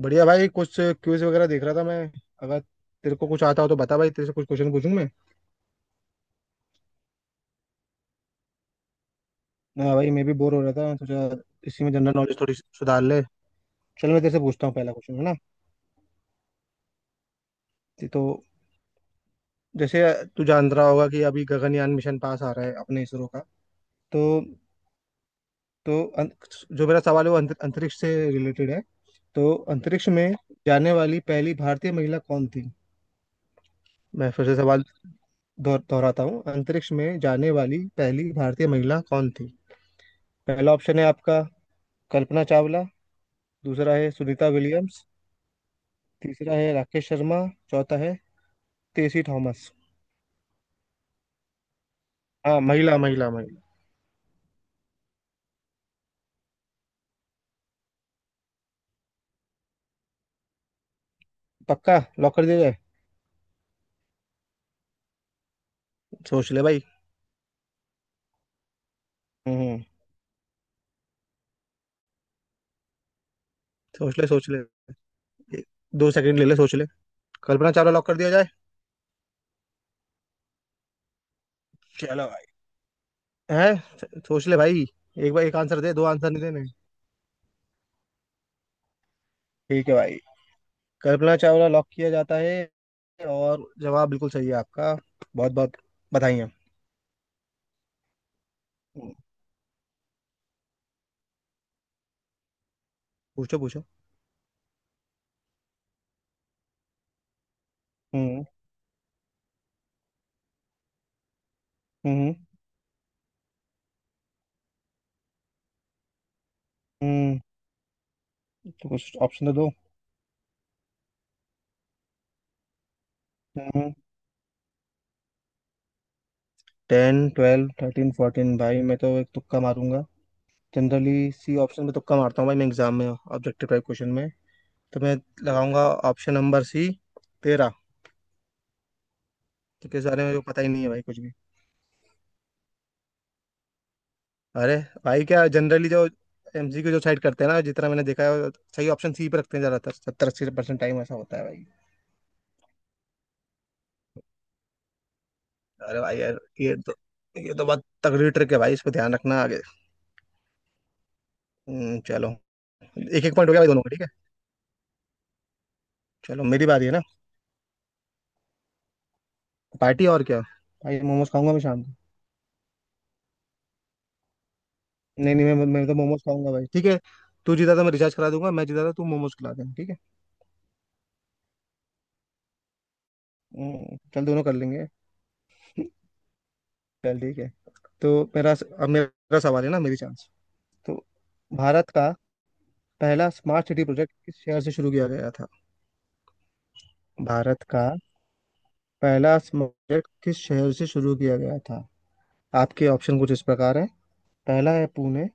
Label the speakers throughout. Speaker 1: बढ़िया भाई। कुछ क्विज वगैरह देख रहा था मैं। अगर तेरे को कुछ आता हो तो बता भाई, तेरे से कुछ क्वेश्चन पूछूं मैं। हाँ भाई मैं भी बोर हो रहा था, सोचा इसी में जनरल नॉलेज थोड़ी सुधार ले। चल मैं तेरे से पूछता हूँ, पहला क्वेश्चन है ना। तो जैसे तू जान रहा होगा कि अभी गगनयान मिशन पास आ रहा है अपने इसरो का। तो तो जो मेरा सवाल है वो अंतरिक्ष से रिलेटेड है। तो अंतरिक्ष में जाने वाली पहली भारतीय महिला कौन थी? मैं फिर से सवाल दोहराता हूँ, अंतरिक्ष में जाने वाली पहली भारतीय महिला कौन थी? पहला ऑप्शन है आपका कल्पना चावला। दूसरा है सुनीता विलियम्स। तीसरा है राकेश शर्मा। चौथा है तेसी थॉमस। हाँ, महिला महिला महिला। पक्का लॉक कर दिया जाए? सोच ले भाई। हम्म। सोच ले, सोच ले। एक- 2 सेकंड ले ले, सोच ले। कल्पना चावला लॉक कर दिया जाए। चलो भाई। है। सोच ले भाई। एक बार एक आंसर दे दो, आंसर नहीं देने। ठीक है भाई, कल्पना चावला लॉक किया जाता है। और जवाब बिल्कुल सही है आपका। बहुत बहुत बधाई हैं। पूछो पूछो। हम्म। हम्म। हम्म। तो कुछ ऑप्शन तो दो। हम्म। 10, 12, 13, 14, भाई मैं तो एक तुक्का मारूंगा। जनरली सी ऑप्शन में तुक्का मारता हूँ भाई मैं, एग्जाम में ऑब्जेक्टिव टाइप क्वेश्चन में। तो मैं लगाऊंगा ऑप्शन नंबर सी, 13। क्योंकि इस बारे में जो पता ही नहीं है भाई कुछ भी। अरे भाई, क्या जनरली जो एमसीक्यू जो साइड करते हैं ना, जितना मैंने देखा है वो सही ऑप्शन सी पे रखते हैं ज्यादातर, 70-80% टाइम ऐसा होता है भाई। अरे भाई यार, ये तो बहुत तगड़ी ट्रिक है भाई, इस पे ध्यान रखना आगे। चलो। एक एक पॉइंट हो गया भाई, दोनों का ठीक है। चलो मेरी बारी है ना। पार्टी और क्या। भाई मोमोज खाऊंगा मैं शाम को। नहीं नहीं, मैं तो मोमोज खाऊंगा भाई ठीक है। तू जीता तो मैं रिचार्ज करा दूंगा, मैं जीता तो तू मोमोज खिला देना, ठीक है। चल दोनों कर लेंगे। चल ठीक है। तो मेरा अब मेरा सवाल है ना, मेरी चांस। तो भारत का पहला स्मार्ट सिटी प्रोजेक्ट किस शहर से शुरू किया गया था? भारत का पहला स्मार्ट प्रोजेक्ट किस शहर से शुरू किया गया था? आपके ऑप्शन कुछ इस प्रकार हैं। पहला है पुणे।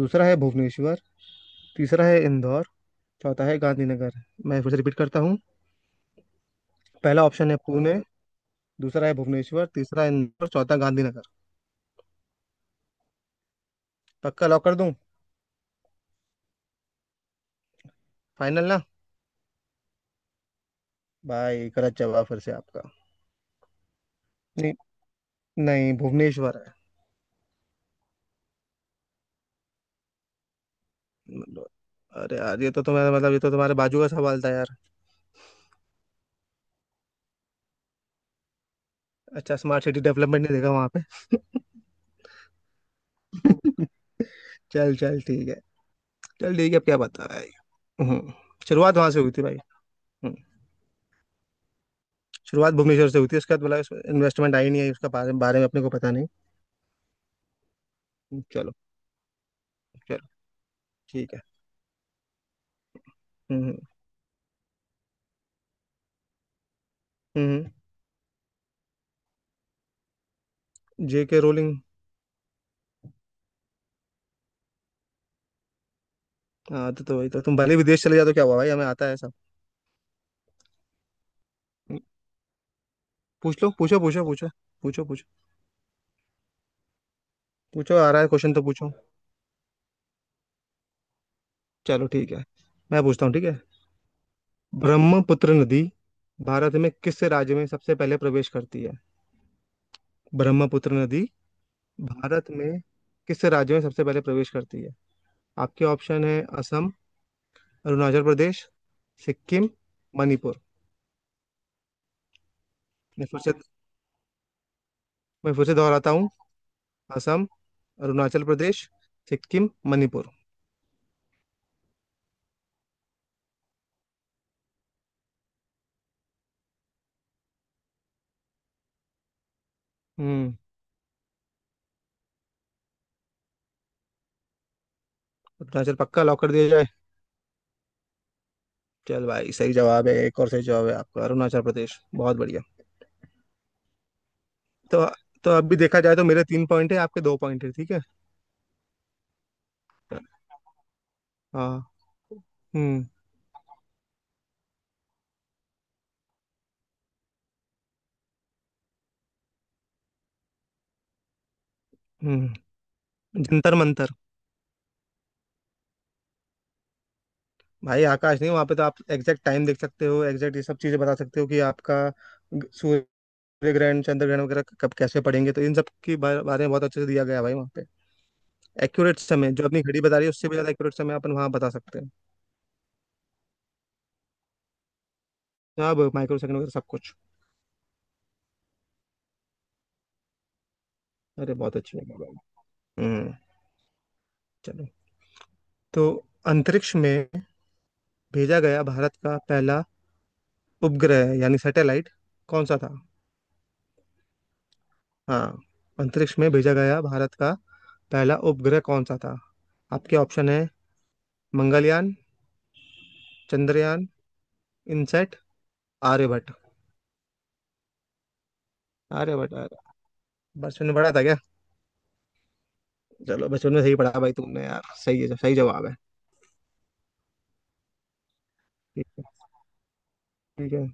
Speaker 1: दूसरा है भुवनेश्वर। तीसरा है इंदौर। चौथा है गांधीनगर। मैं फिर से रिपीट करता हूँ। पहला ऑप्शन है पुणे। दूसरा है भुवनेश्वर, तीसरा है इंदौर, चौथा गांधीनगर। पक्का लॉक कर दूं? फाइनल ना? भाई गलत जवाब फिर से आपका। नहीं नहीं, भुवनेश्वर है। मतलब- अरे यार ये तो तुम्हारा मतलब, ये तो तुम्हारे बाजू का सवाल था यार। अच्छा, स्मार्ट सिटी डेवलपमेंट नहीं देखा वहां पे। चल चल ठीक है। चल ठीक है, अब क्या बता रहा है ये? हम्म। शुरुआत वहां से हुई थी भाई। हम्म। शुरुआत भुवनेश्वर से हुई थी उसके बाद, मतलब इन्वेस्टमेंट आई नहीं आई उसका बारे में अपने को पता नहीं। चलो। चलो ठीक है। हम्म। हम्म। जे के रोलिंग। हाँ तो वही तो, तुम भले विदेश चले जाओ तो क्या हुआ भाई, हमें आता है सब। पूछ लो, पूछो पूछो, पूछो पूछो, पूछो पूछो। आ रहा है क्वेश्चन तो पूछो। चलो ठीक है, मैं पूछता हूँ ठीक है। ब्रह्मपुत्र नदी भारत में किस राज्य में सबसे पहले प्रवेश करती है? ब्रह्मपुत्र नदी भारत में किस राज्य में सबसे पहले प्रवेश करती है? आपके ऑप्शन है असम, अरुणाचल प्रदेश, सिक्किम, मणिपुर। मैं फिर से मैं फिर से दोहराता हूँ। असम, अरुणाचल प्रदेश, सिक्किम, मणिपुर। हम्म। अरुणाचल पक्का लॉक कर दिया जाए? चल भाई सही जवाब है, एक और सही जवाब है आपका, अरुणाचल प्रदेश, बहुत बढ़िया। तो तो अब भी देखा जाए तो मेरे 3 पॉइंट है, आपके 2 पॉइंट है, ठीक है। हाँ। हम्म। हम्म। जंतर मंतर। भाई आकाश नहीं, वहां पे तो आप एग्जैक्ट टाइम देख सकते हो, एग्जैक्ट ये सब चीजें बता सकते हो कि आपका सूर्य ग्रहण, चंद्र ग्रहण वगैरह कब कैसे पड़ेंगे, तो इन सब के बारे बारे में बहुत अच्छे से दिया गया है भाई वहाँ पे। एक्यूरेट समय जो अपनी घड़ी बता रही है उससे भी ज्यादा एक्यूरेट समय अपन वहाँ बता सकते हैं। अब माइक्रो सेकंड वगैरह सब कुछ। अरे बहुत अच्छी बात है भाई। हम्म। चलो। तो अंतरिक्ष में भेजा गया भारत का पहला उपग्रह यानी सैटेलाइट कौन सा था? हाँ अंतरिक्ष में भेजा गया भारत का पहला उपग्रह कौन सा था? आपके ऑप्शन है मंगलयान, चंद्रयान, इनसेट, आर्यभट्ट। आर्यभट्ट, बचपन में पढ़ा था क्या? चलो बचपन में सही पढ़ा भाई तुमने यार, सही है, सही जवाब है। ठीक है ठीक है।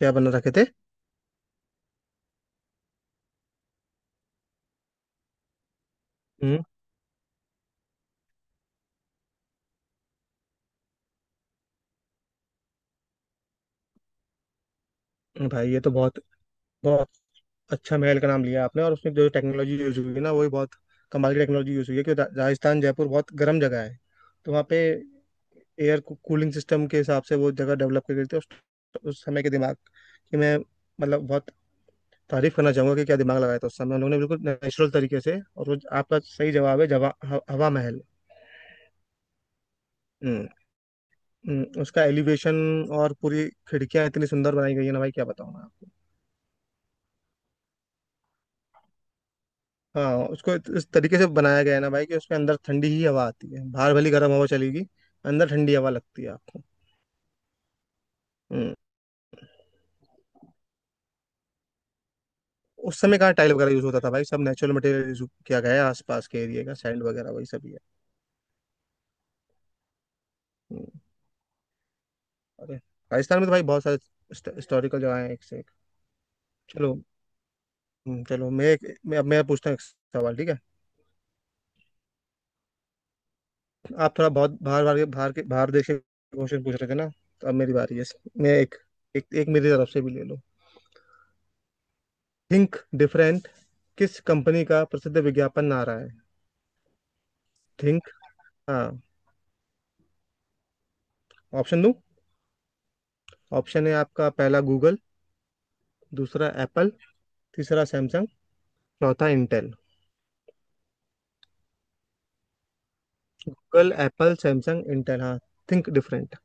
Speaker 1: क्या बना रखे थे? हम्म। भाई ये तो बहुत बहुत अच्छा महल का नाम लिया आपने, और उसमें जो टेक्नोलॉजी यूज हुई है ना वही बहुत कमाल की टेक्नोलॉजी यूज हुई है, क्योंकि राजस्थान जयपुर बहुत गर्म जगह है। तो वहाँ पे एयर कूलिंग सिस्टम के हिसाब से वो जगह डेवलप कर गई थी उस समय के दिमाग, कि मैं मतलब बहुत तारीफ करना चाहूंगा कि क्या दिमाग लगाया था उस समय उन्होंने बिल्कुल नेचुरल तरीके से, और वो आपका सही जवाब है, हवा महल। हम्म। उसका एलिवेशन और पूरी खिड़कियां इतनी सुंदर बनाई गई है ना भाई, क्या बताऊं मैं आपको। हाँ उसको इस तरीके से बनाया गया है ना भाई कि उसके अंदर ठंडी ही हवा आती है, बाहर भली गर्म हवा चलेगी, अंदर ठंडी हवा लगती है आपको। हम्म। उस समय कहाँ टाइल वगैरह यूज होता था भाई, सब नेचुरल मटेरियल यूज किया गया है, आसपास के एरिया का सैंड वगैरह वही सब ही है। हम्म, अरे राजस्थान में तो भाई बहुत सारे हिस्टोरिकल जगह है, एक से एक। चलो। चलो मैं एक मैं अब मैं पूछता हूँ एक सवाल ठीक है। आप थोड़ा बहुत बाहर बाहर के बाहर के बाहर देश के क्वेश्चन पूछ रहे थे ना, तो अब मेरी बारी है। मैं एक, एक मेरी तरफ से भी ले लो। थिंक डिफरेंट किस कंपनी का प्रसिद्ध विज्ञापन नारा है? थिंक, हाँ। ऑप्शन दो। ऑप्शन है आपका पहला गूगल, दूसरा एप्पल, तीसरा सैमसंग, चौथा Intel. Google, Apple, Samsung, Intel, हाँ। Think different.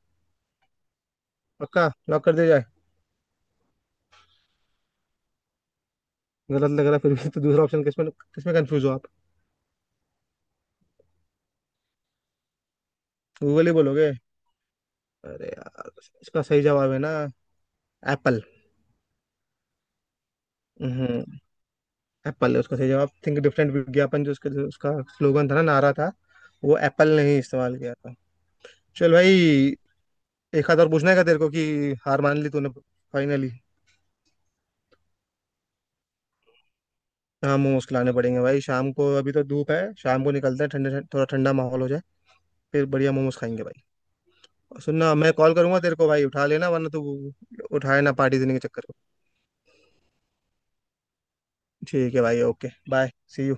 Speaker 1: पक्का लॉक कर दिया जाए? गलत लग रहा है फिर भी तो, दूसरा ऑप्शन किसमें, किसमें कंफ्यूज हो आप? गूगल ही बोलोगे? अरे यार, इसका सही जवाब है ना एप्पल। हम्म। एप्पल है उसका सही जवाब, थिंक डिफरेंट विज्ञापन, जो उसका स्लोगन था ना, नारा था, वो एप्पल ने ही इस्तेमाल किया था। चल भाई, एक हाथ और पूछना है क्या तेरे को, कि हार मान ली तूने फाइनली। हाँ मोमोज खिलाने पड़ेंगे भाई शाम को, अभी तो धूप है, शाम को निकलते हैं, ठंडे थोड़ा ठंडा माहौल हो जाए। फिर बढ़िया मोमोज खाएंगे भाई। और सुनना, मैं कॉल करूंगा तेरे को भाई, उठा लेना वरना तू उठाए ना पार्टी देने के चक्कर में। ठीक है भाई ओके बाय। सी।